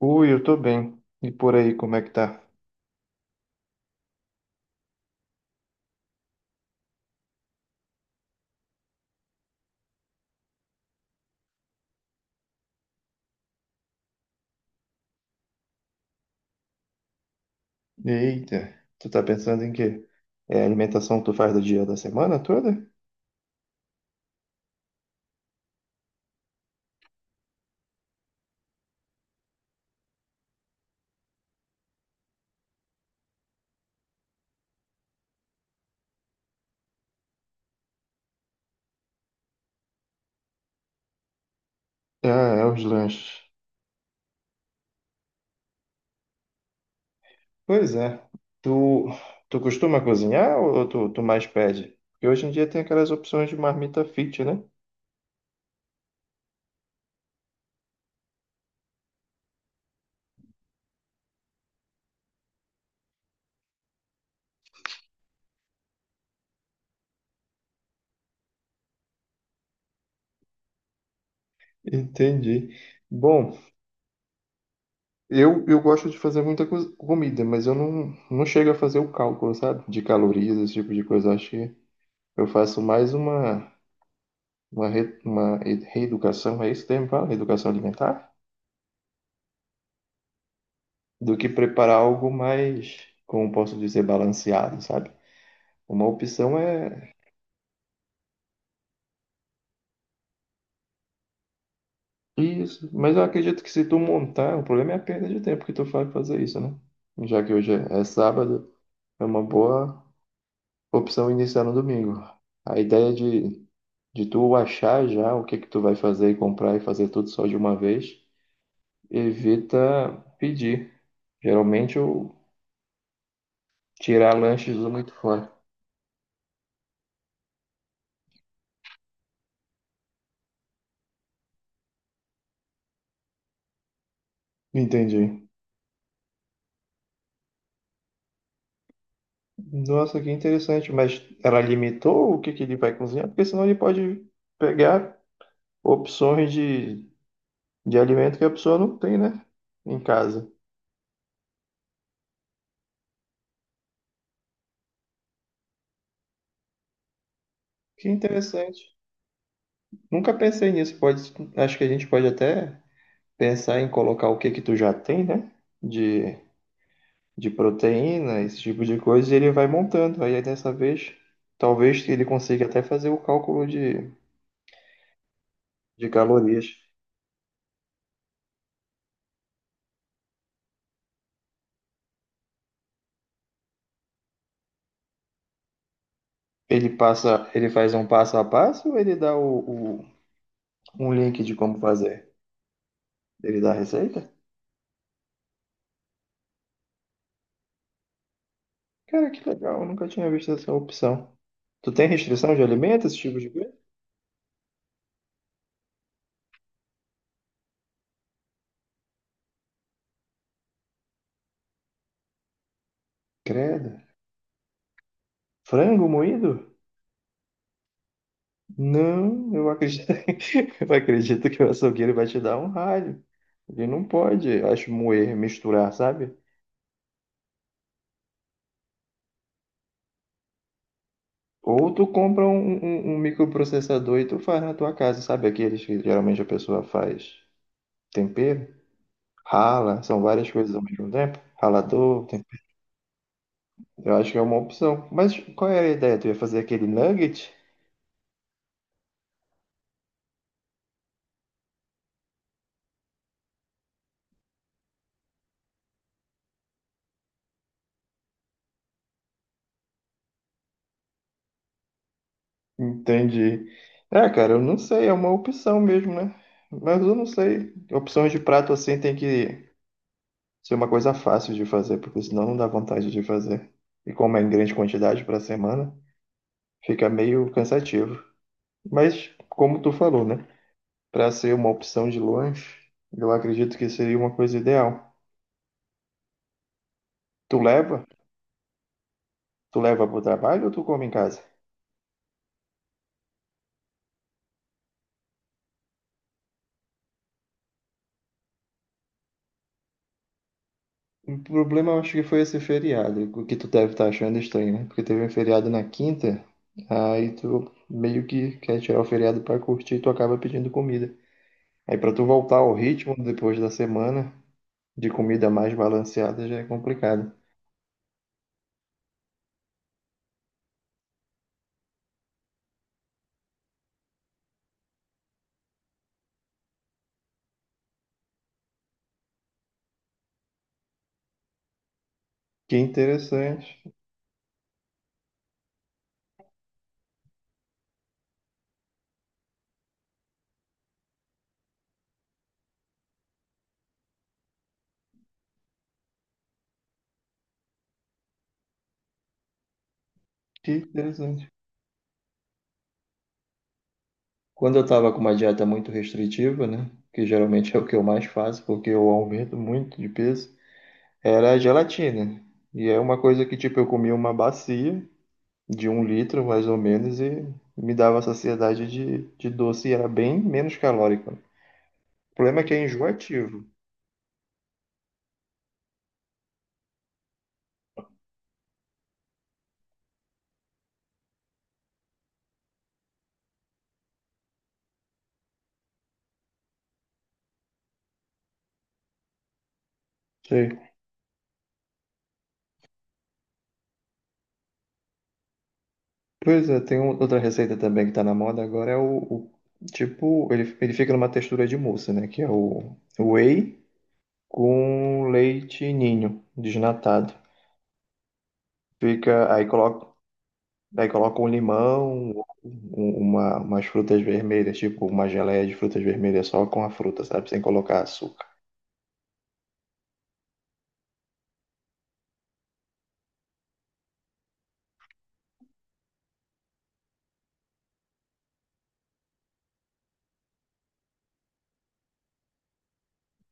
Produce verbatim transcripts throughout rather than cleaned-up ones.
Ui, eu tô bem. E por aí, como é que tá? Eita, tu tá pensando em quê? É a alimentação que tu faz do dia da semana toda? Ah, é os lanches. Pois é. Tu, tu costuma cozinhar ou tu, tu mais pede? Porque hoje em dia tem aquelas opções de marmita fit, né? Entendi. Bom, eu, eu gosto de fazer muita co- comida, mas eu não, não chego a fazer o cálculo, sabe? De calorias, esse tipo de coisa. Acho que eu faço mais uma. Uma, re- uma e- reeducação, é isso o termo que fala? Reeducação alimentar? Do que preparar algo mais, como posso dizer, balanceado, sabe? Uma opção é isso, mas eu acredito que se tu montar, o problema é a perda de tempo que tu faz pra fazer isso, né? Já que hoje é é sábado, é uma boa opção iniciar no domingo. A ideia de, de tu achar já o que que tu vai fazer e comprar e fazer tudo só de uma vez, evita pedir. Geralmente eu tirar lanches muito fora. Entendi. Nossa, que interessante. Mas ela limitou o que que ele vai cozinhar? Porque senão ele pode pegar opções de, de alimento que a pessoa não tem, né? Em casa. Que interessante. Nunca pensei nisso. Pode, acho que a gente pode até pensar em colocar o que que tu já tem, né? De, de proteína, esse tipo de coisa, e ele vai montando. Aí dessa vez, talvez ele consiga até fazer o cálculo de, de calorias. Ele passa, ele faz um passo a passo ou ele dá o, o- um link de como fazer. Ele dá a receita? Cara, que legal, eu nunca tinha visto essa opção. Tu tem restrição de alimentos, esse tipo de coisa? Credo. Frango moído? Não, eu acredito, eu acredito que o açougueiro vai te dar um ralho. Ele não pode, acho, moer, misturar, sabe? Ou tu compra um, um, um um microprocessador e tu faz na tua casa, sabe? Aqueles que geralmente a pessoa faz tempero, rala, são várias coisas ao mesmo tempo. Ralador, eu acho que é uma opção. Mas qual era a ideia? Tu ia fazer aquele nugget? Entendi. É, cara, eu não sei, é uma opção mesmo, né? Mas eu não sei. Opções de prato assim tem que ser uma coisa fácil de fazer, porque senão não dá vontade de fazer. E como é em grande quantidade para semana, fica meio cansativo. Mas como tu falou, né? Para ser uma opção de lanche, eu acredito que seria uma coisa ideal. Tu leva? Tu leva pro trabalho ou tu come em casa? O problema eu acho que foi esse feriado, o que tu deve estar achando estranho, né? Porque teve um feriado na quinta, aí tu meio que quer tirar o feriado pra curtir, e tu acaba pedindo comida. Aí pra tu voltar ao ritmo depois da semana de comida mais balanceada já é complicado. Que interessante, que interessante. Quando eu tava com uma dieta muito restritiva, né? Que geralmente é o que eu mais faço, porque eu aumento muito de peso, era a gelatina. E é uma coisa que, tipo, eu comia uma bacia. de um litro, mais ou menos, e me dava saciedade de, de doce e era bem menos calórico. O problema é que é enjoativo. Sei. Pois é, tem um- outra receita também que tá na moda agora, é o, o- tipo, ele, ele fica numa textura de mousse, né? Que é o whey com leite ninho desnatado. Fica, aí coloca, aí coloca um limão, um-, um, uma, umas frutas vermelhas, tipo uma geleia de frutas vermelhas só com a fruta, sabe? Sem colocar açúcar.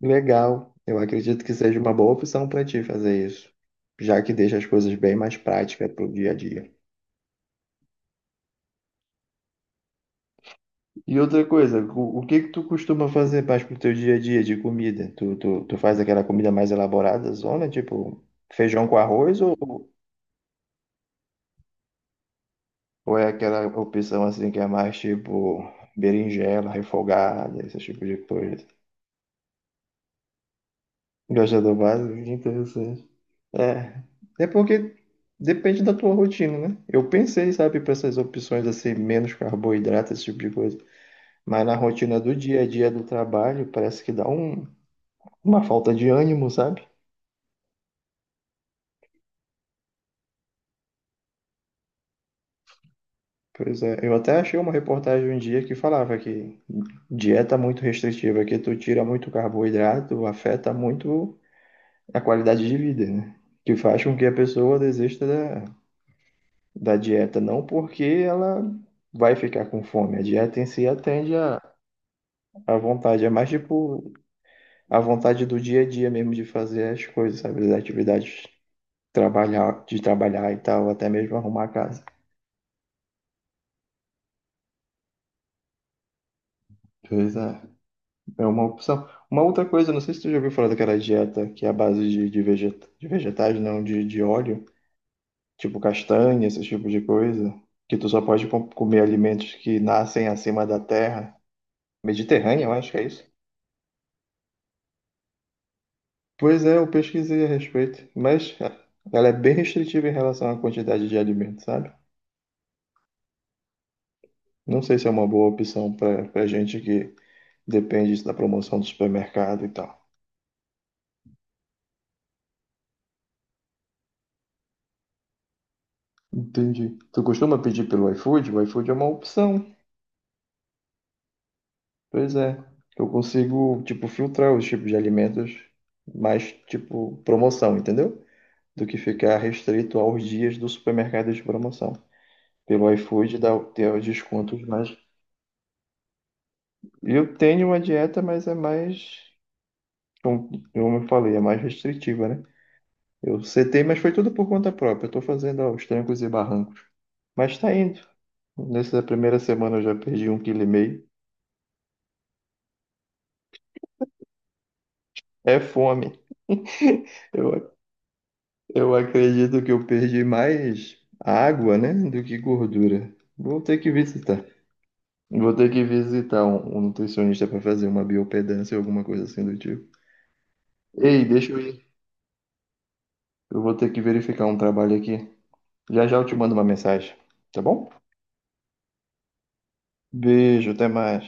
Legal. Eu acredito que seja uma boa opção para ti fazer isso, já que deixa as coisas bem mais práticas para o dia a dia. E outra coisa, o, o que que tu costuma fazer mais pro teu dia a dia de comida? Tu, tu, tu faz aquela comida mais elaborada, zona, tipo feijão com arroz, ou, ou é aquela opção assim que é mais tipo berinjela, refogada, esse tipo de coisa? Gosta do básico? Que interessante. É, é porque depende da tua rotina, né? Eu pensei, sabe, para essas opções assim, menos carboidrato, esse tipo de coisa. Mas na rotina do dia a dia do trabalho, parece que dá um, uma falta de ânimo, sabe? Pois é, eu até achei uma reportagem um dia que falava que dieta muito restritiva, que tu tira muito carboidrato, afeta muito a qualidade de vida, né? Que faz com que a pessoa desista da, da dieta, não porque ela vai ficar com fome. A dieta em si atende à à vontade, é mais tipo a vontade do dia a dia mesmo de fazer as coisas, sabe? As atividades, trabalhar, de trabalhar e tal, até mesmo arrumar a casa. Pois é, é uma opção. Uma outra coisa, não sei se tu já ouviu falar daquela dieta que é a base de, de, vegeta, de vegetais, não, de, de óleo, tipo castanha, esse tipo de coisa, que tu só pode com- comer alimentos que nascem acima da terra. Mediterrânea, eu acho que é isso. Pois é, eu pesquisei a respeito, mas ah, ela é bem restritiva em relação à quantidade de alimento, sabe? Não sei se é uma boa opção para para gente que depende da promoção do supermercado e tal. Entendi. Tu costuma pedir pelo iFood? O iFood é uma opção. Pois é. Eu consigo, tipo, filtrar os tipos de alimentos mais, tipo, promoção, entendeu? Do que ficar restrito aos dias do supermercado de promoção. Pelo iFood dá, tem os descontos mais. Eu tenho uma dieta, mas é mais como eu falei, é mais restritiva, né? Eu setei, mas foi tudo por conta própria. Eu tô fazendo aos trancos e barrancos. Mas tá indo. Nessa primeira semana eu já perdi um quilo e meio. É fome. Eu, eu acredito que eu perdi mais água, né, do que gordura. Vou ter que visitar. Vou ter que visitar um, um nutricionista para fazer uma biopedância ou alguma coisa assim do tipo. Ei, deixa eu ir. Eu vou ter que verificar um trabalho aqui. Já já eu te mando uma mensagem, tá bom? Beijo, até mais.